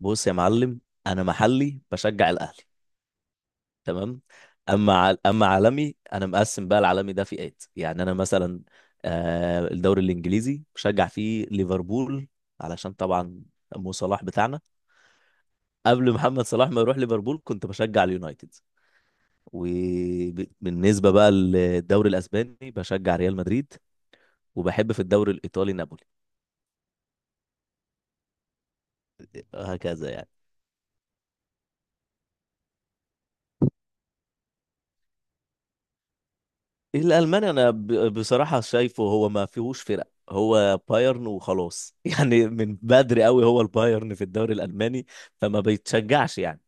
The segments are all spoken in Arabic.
بص يا معلم. انا محلي بشجع الاهلي. تمام. اما عالمي انا مقسم بقى، العالمي ده فئات، يعني انا مثلا الدوري الانجليزي بشجع فيه ليفربول، علشان طبعا مو صلاح بتاعنا. قبل محمد صلاح ما يروح ليفربول كنت بشجع اليونايتد، وبالنسبه بقى للدوري الاسباني بشجع ريال مدريد، وبحب في الدوري الايطالي نابولي. هكذا يعني. إيه، الالماني بصراحه شايفه هو ما فيهوش فرق، هو بايرن وخلاص يعني من بدري قوي هو البايرن في الدوري الالماني، فما بيتشجعش يعني.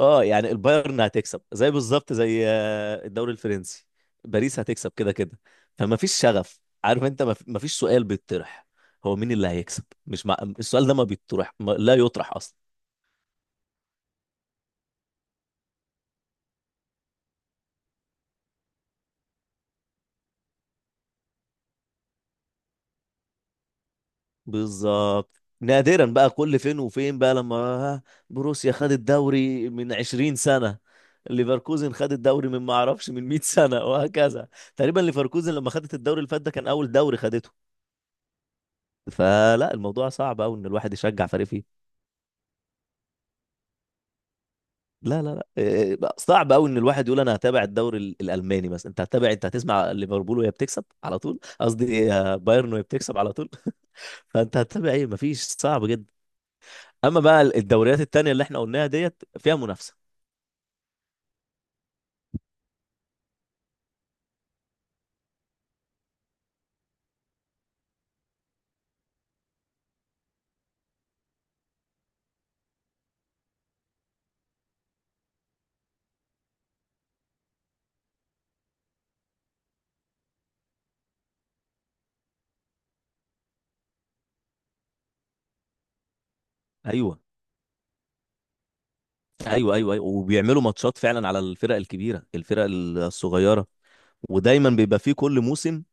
اه يعني البايرن هتكسب زي بالظبط زي الدوري الفرنسي، باريس هتكسب كده كده. فما فيش شغف، عارف انت، ما فيش سؤال بيطرح هو مين اللي هيكسب. مش مع... السؤال ده ما بيطرح، ما... لا يطرح اصلا. بالظبط، نادرا بقى، كل فين وفين بقى لما بروسيا خد الدوري من 20 سنة. ليفركوزن خد الدوري من، ما اعرفش، من 100 سنة وهكذا. تقريبا ليفركوزن لما خدت الدوري اللي فات ده كان اول دوري خدته. فلا، الموضوع صعب قوي ان الواحد يشجع فريق فيه. لا لا لا، إيه، بقى صعب قوي ان الواحد يقول انا هتابع الدوري الالماني مثلا. انت هتابع، انت هتسمع ليفربول وهي بتكسب على طول، قصدي بايرن وهي بتكسب على طول. فانت هتتابع ايه؟ مفيش. صعب جدا. اما بقى الدوريات التانية اللي احنا قلناها ديت، فيها منافسة. ايوه، ايوه، ايوه، ايوه، وبيعملوا ماتشات فعلا على الفرق الكبيره، الفرق الصغيره، ودايما بيبقى فيه كل موسم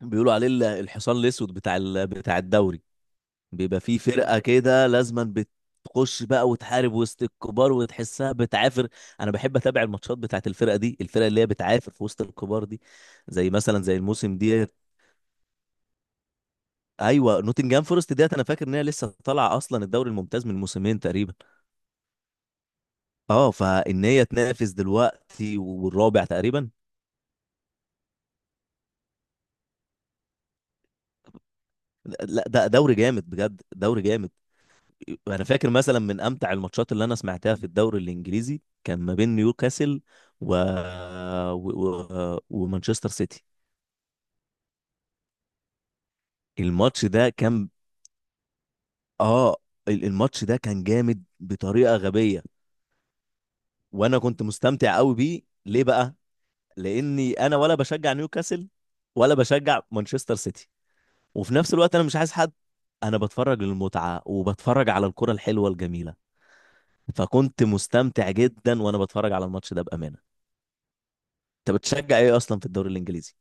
بيقولوا عليه الحصان الاسود بتاع بتاع الدوري. بيبقى فيه فرقه كده لازما بتخش بقى وتحارب وسط الكبار وتحسها بتعافر. انا بحب اتابع الماتشات بتاعت الفرقه دي، الفرقه اللي هي بتعافر في وسط الكبار دي، زي مثلا زي الموسم ديت. ايوه، نوتنجهام فورست ديت انا فاكر ان هي لسه طالعه اصلا الدوري الممتاز من موسمين تقريبا. اه، فان هي تنافس دلوقتي، والرابع تقريبا. لا، ده دوري جامد بجد، دوري جامد. انا فاكر مثلا من امتع الماتشات اللي انا سمعتها في الدوري الانجليزي كان ما بين نيوكاسل و... و... ومانشستر سيتي. الماتش ده كان اه الماتش ده كان جامد بطريقة غبية، وانا كنت مستمتع قوي بيه. ليه بقى؟ لاني انا ولا بشجع نيوكاسل ولا بشجع مانشستر سيتي، وفي نفس الوقت انا مش عايز حد. انا بتفرج للمتعة وبتفرج على الكرة الحلوة الجميلة، فكنت مستمتع جدا وانا بتفرج على الماتش ده بامانه. انت بتشجع ايه اصلا في الدوري الانجليزي؟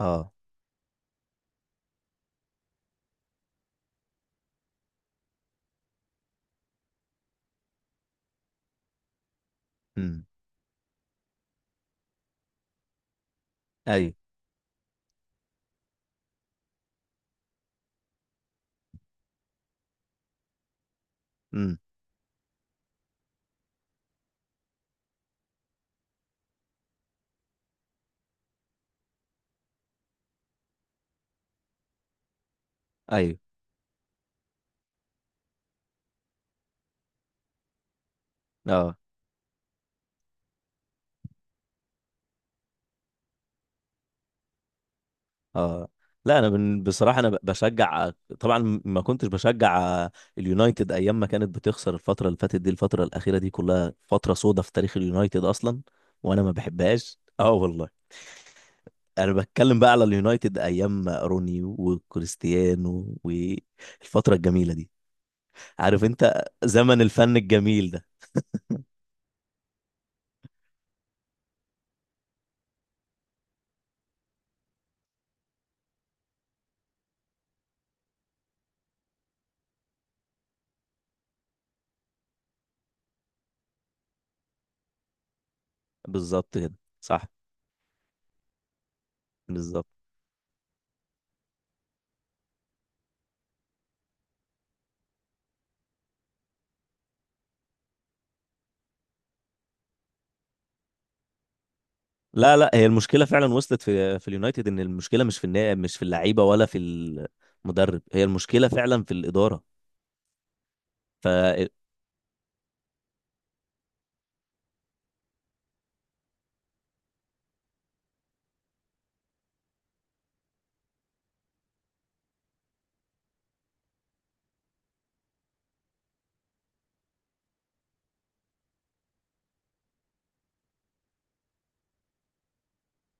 اه، امم، ايوه، امم، ايوه، اه، اه، لا انا بصراحه انا بشجع. طبعا ما كنتش بشجع اليونايتد ايام ما كانت بتخسر. الفتره اللي فاتت دي، الفتره الاخيره دي، كلها فتره سودة في تاريخ اليونايتد اصلا، وانا ما بحبهاش، اه والله. انا بتكلم بقى على اليونايتد ايام ما روني وكريستيانو والفتره الجميله دي، عارف انت، زمن الفن الجميل ده. بالظبط كده، صح، بالظبط. لا لا، هي المشكله فعلا وصلت في اليونايتد، ان المشكله مش في اللعيبه ولا في المدرب، هي المشكله فعلا في الاداره. ف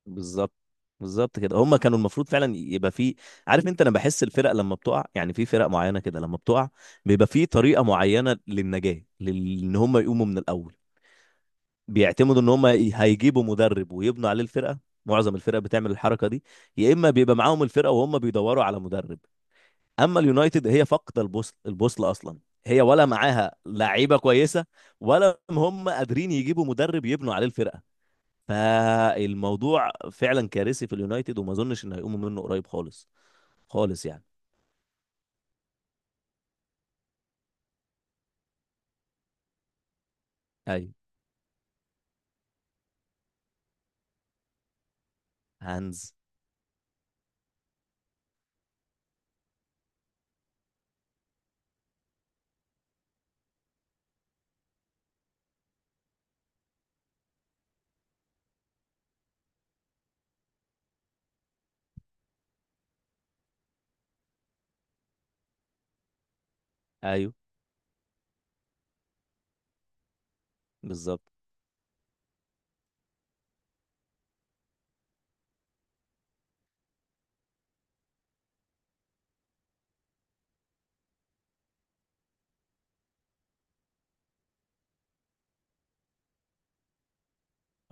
بالظبط، بالظبط كده. هم كانوا المفروض فعلا يبقى في، عارف انت، انا بحس الفرق لما بتقع يعني، في فرق معينه كده لما بتقع بيبقى في طريقه معينه للنجاه، ان هم يقوموا من الاول. بيعتمدوا ان هم هيجيبوا مدرب ويبنوا عليه الفرقه. معظم الفرق بتعمل الحركه دي، يا اما بيبقى معاهم الفرقه وهم بيدوروا على مدرب. اما اليونايتد هي فاقده البوصل، البوصل اصلا. هي ولا معاها لعيبه كويسه، ولا هم قادرين يجيبوا مدرب يبنوا عليه الفرقه. فالموضوع فعلا كارثي في اليونايتد، وما اظنش ان هيقوموا منه قريب خالص. خالص يعني. ايوه، هانز، ايوه، بالظبط.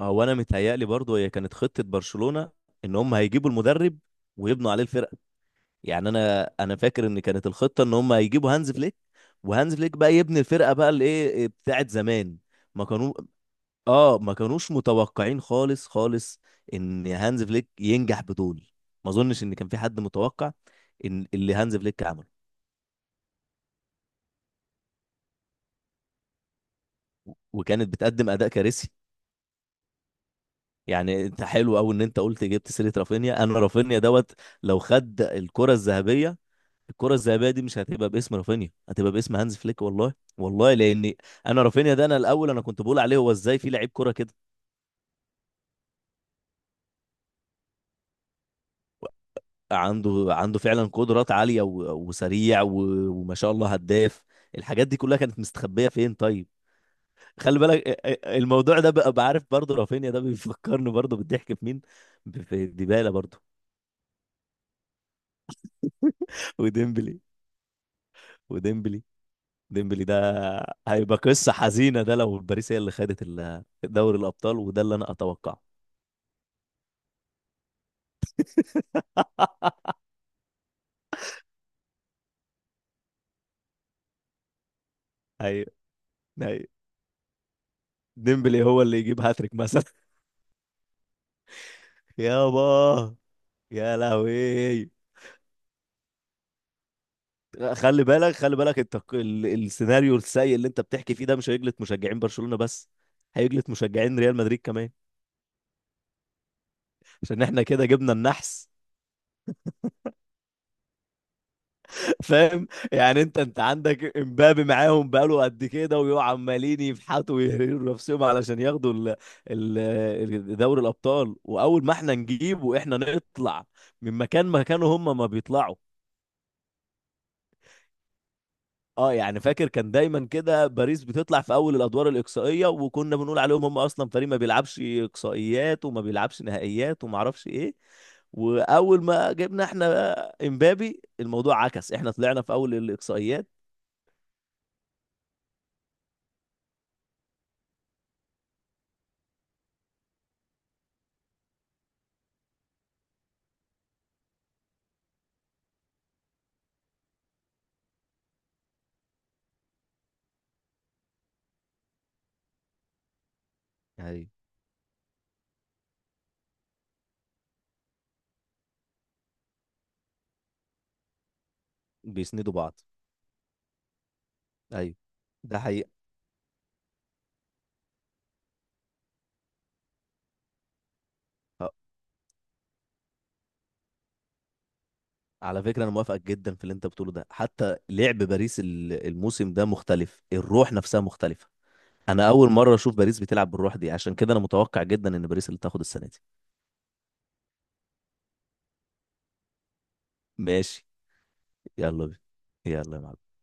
هو انا متهيألي برضو هي كانت خطه برشلونه ان هم هيجيبوا المدرب ويبنوا عليه الفرقه. يعني انا فاكر ان كانت الخطه ان هم هيجيبوا هانز فليك، وهانز فليك بقى يبني الفرقه بقى الايه بتاعت زمان. ما كانوا، اه ما كانوش متوقعين خالص خالص ان هانز فليك ينجح بدول. ما اظنش ان كان في حد متوقع ان اللي هانز فليك عمله وكانت بتقدم اداء كارثي. يعني انت حلو قوي ان انت قلت جبت سيره رافينيا. انا رافينيا دوت لو خد الكره الذهبيه، الكره الذهبيه دي مش هتبقى باسم رافينيا، هتبقى باسم هانز فليك، والله والله. لان انا رافينيا ده، انا الاول انا كنت بقول عليه هو ازاي في لعيب كره كده. عنده فعلا قدرات عالية، وسريع، وما شاء الله هداف. الحاجات دي كلها كانت مستخبية فين طيب؟ خلي بالك، الموضوع ده بقى، بعرف برضه رافينيا ده بيفكرني برضه بالضحك في مين؟ في ديبالا برضه. وديمبلي، وديمبلي. ديمبلي ده هيبقى قصة حزينة ده لو باريس هي اللي خدت دوري الأبطال، وده اللي أنا أتوقعه. ايوه، ايوه، ديمبلي هو اللي يجيب هاتريك مثلا. يابا، يا لهوي. خلي بالك، خلي بالك، انت السيناريو السيء اللي انت بتحكي فيه ده مش هيجلط مشجعين برشلونة بس، هيجلط مشجعين ريال مدريد كمان، عشان احنا كده جبنا النحس. فاهم. يعني انت عندك امبابي معاهم بقاله قد كده، ويقعوا عمالين يفحطوا ويهريروا نفسهم علشان ياخدوا ال دوري الابطال، واول ما احنا نجيبه احنا نطلع من مكان، مكانه هم ما بيطلعوا. اه يعني فاكر كان دايما كده باريس بتطلع في اول الادوار الاقصائيه، وكنا بنقول عليهم هم اصلا فريق ما بيلعبش اقصائيات وما بيلعبش نهائيات وما اعرفش ايه. واول ما جبنا احنا بقى امبابي الموضوع عكس، احنا طلعنا في اول الاقصائيات. ايوه، بيسندوا بعض، ايوه ده حقيقة. أه، على فكرة أنا موافقك جدا في اللي أنت بتقوله ده، حتى لعب باريس الموسم ده مختلف، الروح نفسها مختلفة. أنا أول مرة أشوف باريس بتلعب بالروح دي، عشان كده أنا متوقع جدا إن باريس اللي تاخد السنة دي. ماشي. يلا يلا يا معلم.